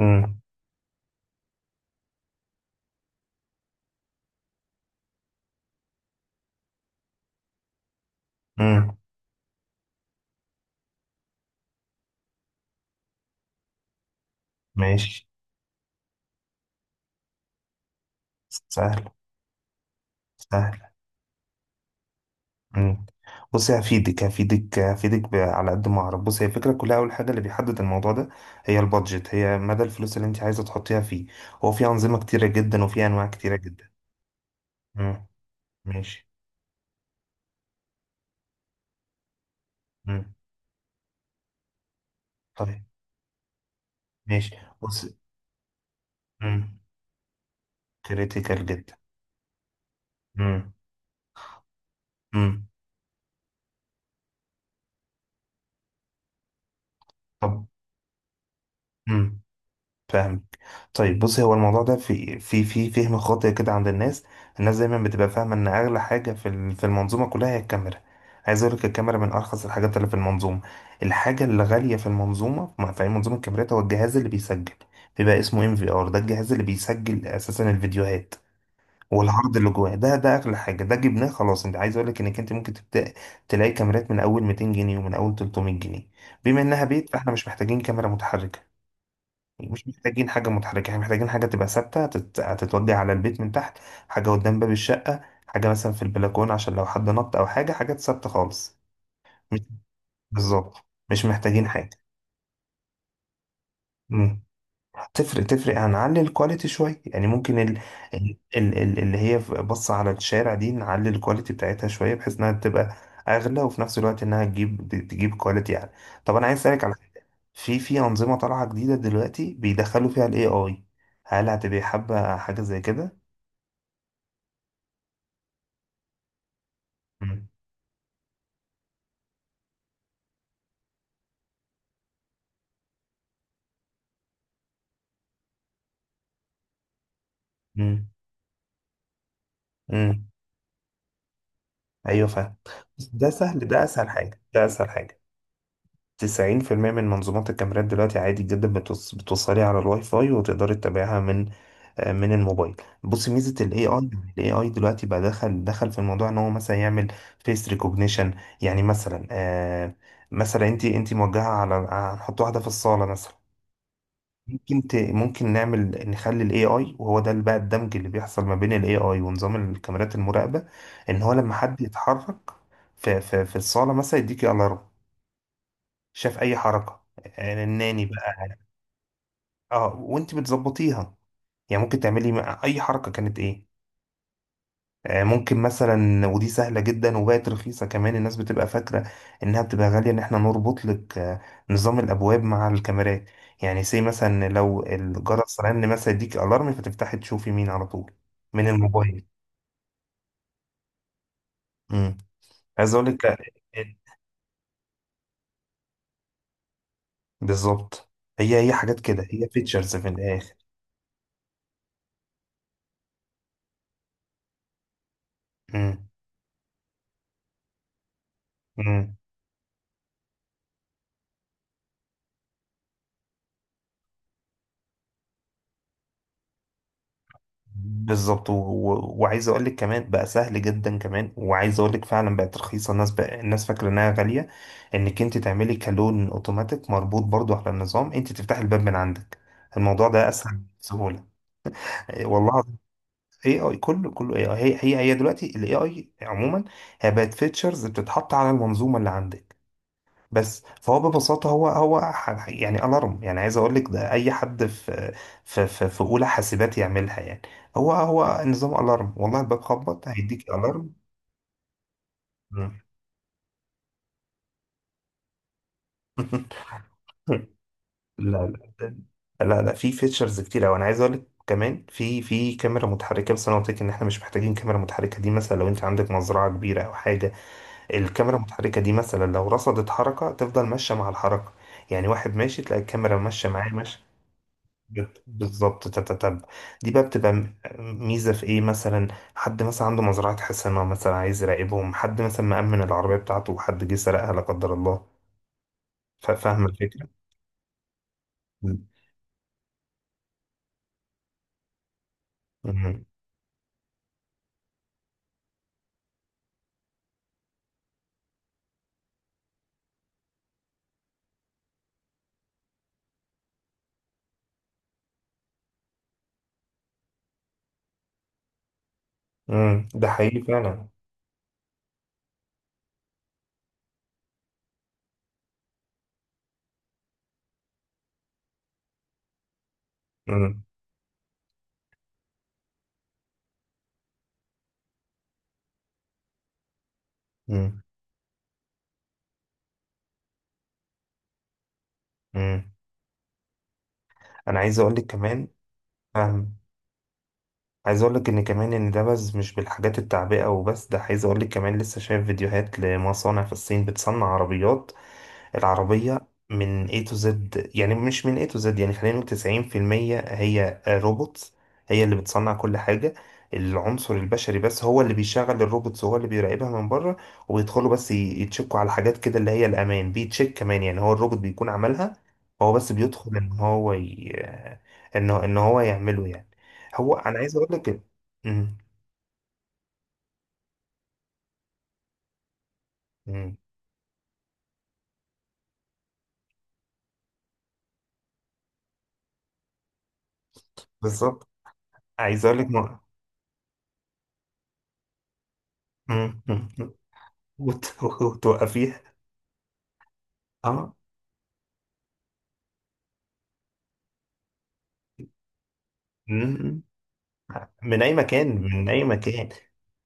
امم. امم. ماشي. سهل. سهل. امم. بص، هفيدك على قد ما اعرف. بص، هي الفكره كلها، اول حاجه اللي بيحدد الموضوع ده هي البادجت، هي مدى الفلوس اللي انت عايزه تحطيها فيه. هو في انظمه كتيره جدا وفي انواع كتيره جدا. امم. ماشي. امم. طيب. ماشي. بص. امم. كريتيكال جدا. امم. امم. طب. امم. فاهم. طيب بصي، هو الموضوع ده في فهم خاطئ كده عند الناس. الناس دايما بتبقى فاهمه ان اغلى حاجه في في المنظومه كلها هي الكاميرا. عايز اقول لك الكاميرا من ارخص الحاجات اللي في المنظومه. الحاجه اللي غاليه في المنظومه، في أي منظومه الكاميرات، هو الجهاز اللي بيسجل. بيبقى اسمه ام في ار، ده الجهاز اللي بيسجل اساسا الفيديوهات، والعرض اللي جواه ده، ده اغلى حاجه. ده جبناه خلاص. انت عايز اقول لك انك انت ممكن تبدا تلاقي كاميرات من اول 200 جنيه ومن اول 300 جنيه. بما انها بيت فاحنا مش محتاجين كاميرا متحركه، مش محتاجين حاجة متحركة، احنا محتاجين حاجة تبقى ثابتة هتتوضي على البيت من تحت. حاجة قدام باب الشقة، حاجة مثلا في البلكونة عشان لو حد نط أو حاجة، حاجات ثابتة خالص. مش، بالظبط. مش محتاجين حاجة. مم. تفرق تفرق. هنعلي الكواليتي شوية. يعني ممكن اللي هي بص على الشارع دي، نعلي الكواليتي بتاعتها شوية بحيث انها تبقى اغلى، وفي نفس الوقت انها تجيب كواليتي يعني. طب انا عايز اسالك على حاجة. في انظمة طالعة جديدة دلوقتي بيدخلوا فيها الاي اي، هل هتبقى حابة حاجة زي كده؟ مم. مم. مم. ايوه، فاهم. بس ده سهل، ده اسهل حاجة، ده اسهل حاجة. 90% من منظومات الكاميرات دلوقتي عادي جدا بتوصلي على الواي فاي وتقدري تتابعها من من الموبايل. بص ميزه الاي اي، الاي اي دلوقتي بقى دخل في الموضوع ان هو مثلا يعمل فيس ريكوجنيشن. يعني مثلا آه، مثلا انت موجهه على، هنحط واحده في الصاله مثلا، ممكن نعمل، نخلي الاي اي، وهو ده بقى الدمج اللي بيحصل ما بين الاي اي ونظام الكاميرات المراقبه، ان هو لما حد يتحرك في الصاله مثلا يديكي الارم. شاف اي حركه، آه، الناني بقى. اه، وانت بتظبطيها، يعني ممكن تعملي اي حركه كانت ايه. آه، ممكن مثلا، ودي سهلة جدا وبقت رخيصة كمان، الناس بتبقى فاكرة انها بتبقى غالية، ان احنا نربط لك آه، نظام الابواب مع الكاميرات. يعني سي مثلا لو الجرس رن مثلا يديك الارم فتفتحي تشوفي مين على طول من الموبايل. امم. عايز اقول لك آه، بالظبط، هي هي حاجات كده، هي فيتشرز في الاخر. امم. بالظبط. و... و... وعايز اقول لك كمان بقى سهل جدا كمان، وعايز اقول لك فعلا بقت رخيصه، الناس بقى الناس فاكره انها غاليه، انك انت تعملي كالون اوتوماتيك مربوط برضو على النظام، انت تفتحي الباب من عندك، الموضوع ده اسهل بسهوله. إيه والله. اي اي، كله كله اي اي. هي هي هي دلوقتي الاي اي عموما هي بقت فيتشرز بتتحط على المنظومه اللي عندك. بس فهو ببساطة يعني ألارم. يعني عايز أقول لك ده أي حد في في أولى حاسبات يعملها يعني. هو نظام ألارم، والله الباب خبط هيديك ألارم. مم. لا، لا في فيتشرز كتير أوي. أنا عايز أقول لك كمان، في كاميرا متحركة، بس أنا قلت لك إن إحنا مش محتاجين كاميرا متحركة. دي مثلا لو أنت عندك مزرعة كبيرة أو حاجة، الكاميرا المتحركة دي مثلا لو رصدت حركة تفضل ماشية مع الحركة. يعني واحد ماشي تلاقي الكاميرا ماشية معاه ماشية. بالظبط، تتتبع. دي بقى بتبقى ميزة في ايه مثلا؟ حد مثلا عنده مزرعة حصانة مثلا، عايز يراقبهم. حد مثلا مأمن العربية بتاعته وحد جه سرقها لا قدر الله. فاهم الفكرة. مم. مم. مم. ده حقيقي فعلا. مم. مم. مم. انا عايز اقول لك كمان. فاهم. عايز اقول لك ان كمان، ان ده بس مش بالحاجات التعبئة وبس، ده عايز اقول لك كمان لسه شايف فيديوهات لمصانع في الصين بتصنع عربيات. العربية من A to Z، يعني مش من A to Z، يعني خلينا نقول 90% هي روبوتس، هي اللي بتصنع كل حاجة. العنصر البشري بس هو اللي بيشغل الروبوتس وهو اللي بيراقبها من بره، وبيدخلوا بس يتشكوا على حاجات كده اللي هي الأمان، بيتشيك كمان يعني هو الروبوت بيكون عملها، هو بس بيدخل إن هو يعمله يعني. هو أنا عايز أقول لك. مم. مم. بالظبط. عايز أقول لك مم. مم. وتوقفيها. اه. من اي مكان، من اي مكان.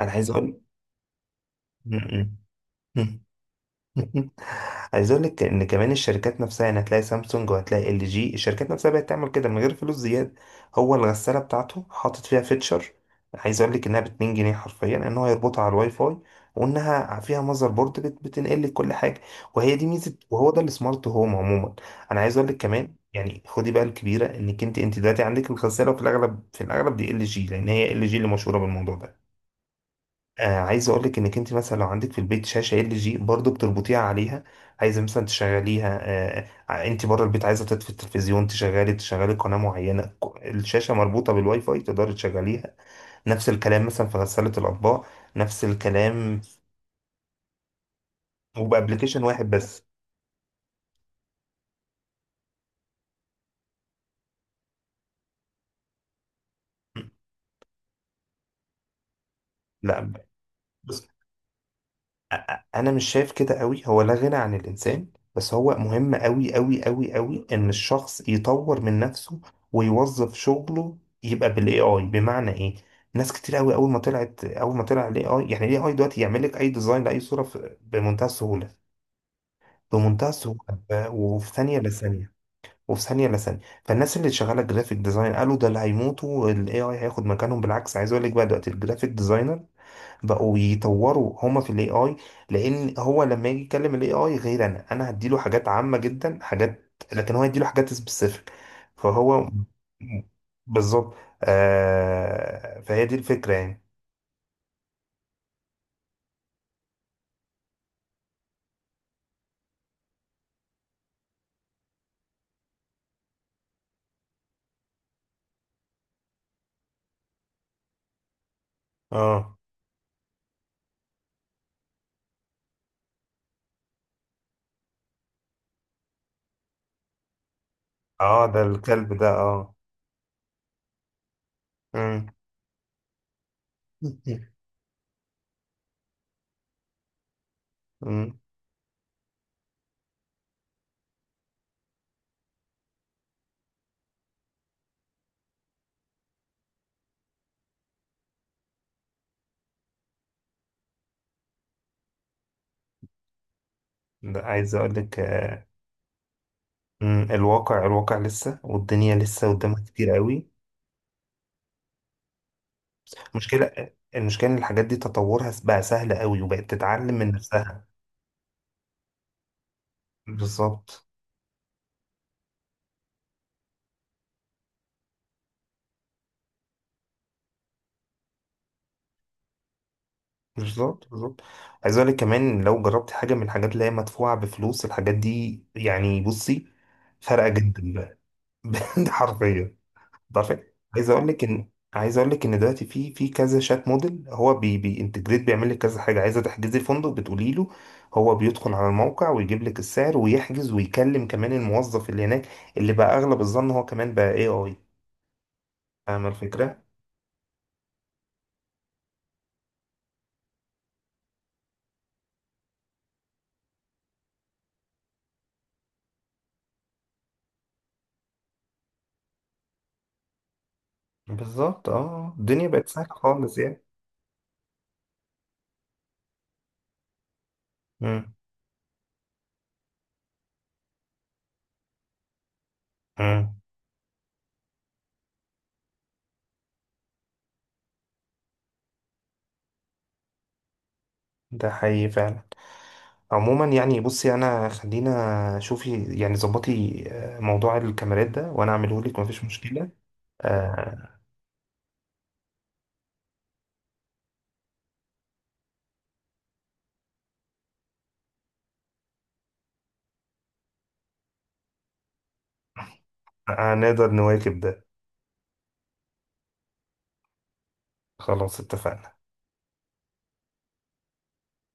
انا عايز اقول. م- م- عايز اقول لك ان كمان الشركات نفسها، يعني هتلاقي سامسونج وهتلاقي ال جي، الشركات نفسها بقت تعمل كده من غير فلوس زياده. هو الغساله بتاعته حاطط فيها فيتشر، عايز اقول لك انها ب 2 جنيه حرفيا، ان هو يربطها على الواي فاي، وانها فيها ماذر بورد بتنقل لك كل حاجه، وهي دي ميزه، وهو ده السمارت هوم عموما. انا عايز اقول لك كمان، يعني خدي بقى الكبيره، انك انت دلوقتي عندك الغساله في الاغلب، في الاغلب دي ال جي، لان هي ال جي اللي مشهوره بالموضوع ده. آه، عايز اقولك انك انت مثلا لو عندك في البيت شاشه ال جي برضه بتربطيها عليها، عايزه مثلا تشغليها آه، آه، انت بره البيت عايزه تطفي التلفزيون، تشغلي قناه معينه، الشاشه مربوطه بالواي فاي تقدري تشغليها. نفس الكلام مثلا في غساله الاطباق، نفس الكلام، وبابلكيشن واحد بس. لا، انا مش شايف كده قوي، هو لا غنى عن الانسان. بس هو مهم قوي ان الشخص يطور من نفسه ويوظف شغله، يبقى بالاي اي. بمعنى ايه؟ ناس كتير قوي اول ما طلعت، اول ما طلع الاي اي، يعني الاي اي دلوقتي يعمل لك اي ديزاين لاي صوره بمنتهى السهوله، بمنتهى السهوله. وفي ثانيه لثانيه، وفي ثانيه لثانيه فالناس اللي شغاله جرافيك ديزاين قالوا ده اللي هيموتوا، الاي اي هياخد مكانهم. بالعكس عايز اقول لك، بقى دلوقتي الجرافيك ديزاينر بقوا يطوروا هما في الاي اي، لان هو لما يجي يكلم الاي اي غير، انا هديله حاجات عامة جدا، حاجات، لكن هو هيديله حاجات سبيسيفيك، فهو بالظبط. آه، فهي دي الفكرة يعني. اه، اه، ده الكلب، ده، اه. مم. مم. ده عايز اقول لك آه. مم، الواقع، الواقع لسه، والدنيا لسه قدامها كتير قوي. المشكلة ان الحاجات دي تطورها بقى سهل قوي، وبقت تتعلم من نفسها. بالظبط بالظبط. بالظبط عايز اقول لك كمان، لو جربت حاجه من الحاجات اللي هي مدفوعه بفلوس، الحاجات دي يعني بصي فارقه جدا بقى. بجد حرفيا. ده عارفة؟ عايز اقول لك ان دلوقتي في كذا شات موديل، هو بي بينتجريت بيعمل لك كذا حاجه. عايزه تحجزي فندق، بتقولي له، هو بيدخل على الموقع ويجيب لك السعر ويحجز ويكلم كمان الموظف اللي هناك، اللي بقى اغلب الظن هو كمان بقى اي اي. فاهمه الفكره. بالظبط، اه، الدنيا بقت سهله خالص يعني. امم. امم. ده حقيقي فعلا. عموما يعني بصي، انا خلينا، شوفي يعني ظبطي آه، موضوع الكاميرات ده، وانا اعمله لك مفيش مشكلة. آه، هنقدر نواكب ده. خلاص، اتفقنا.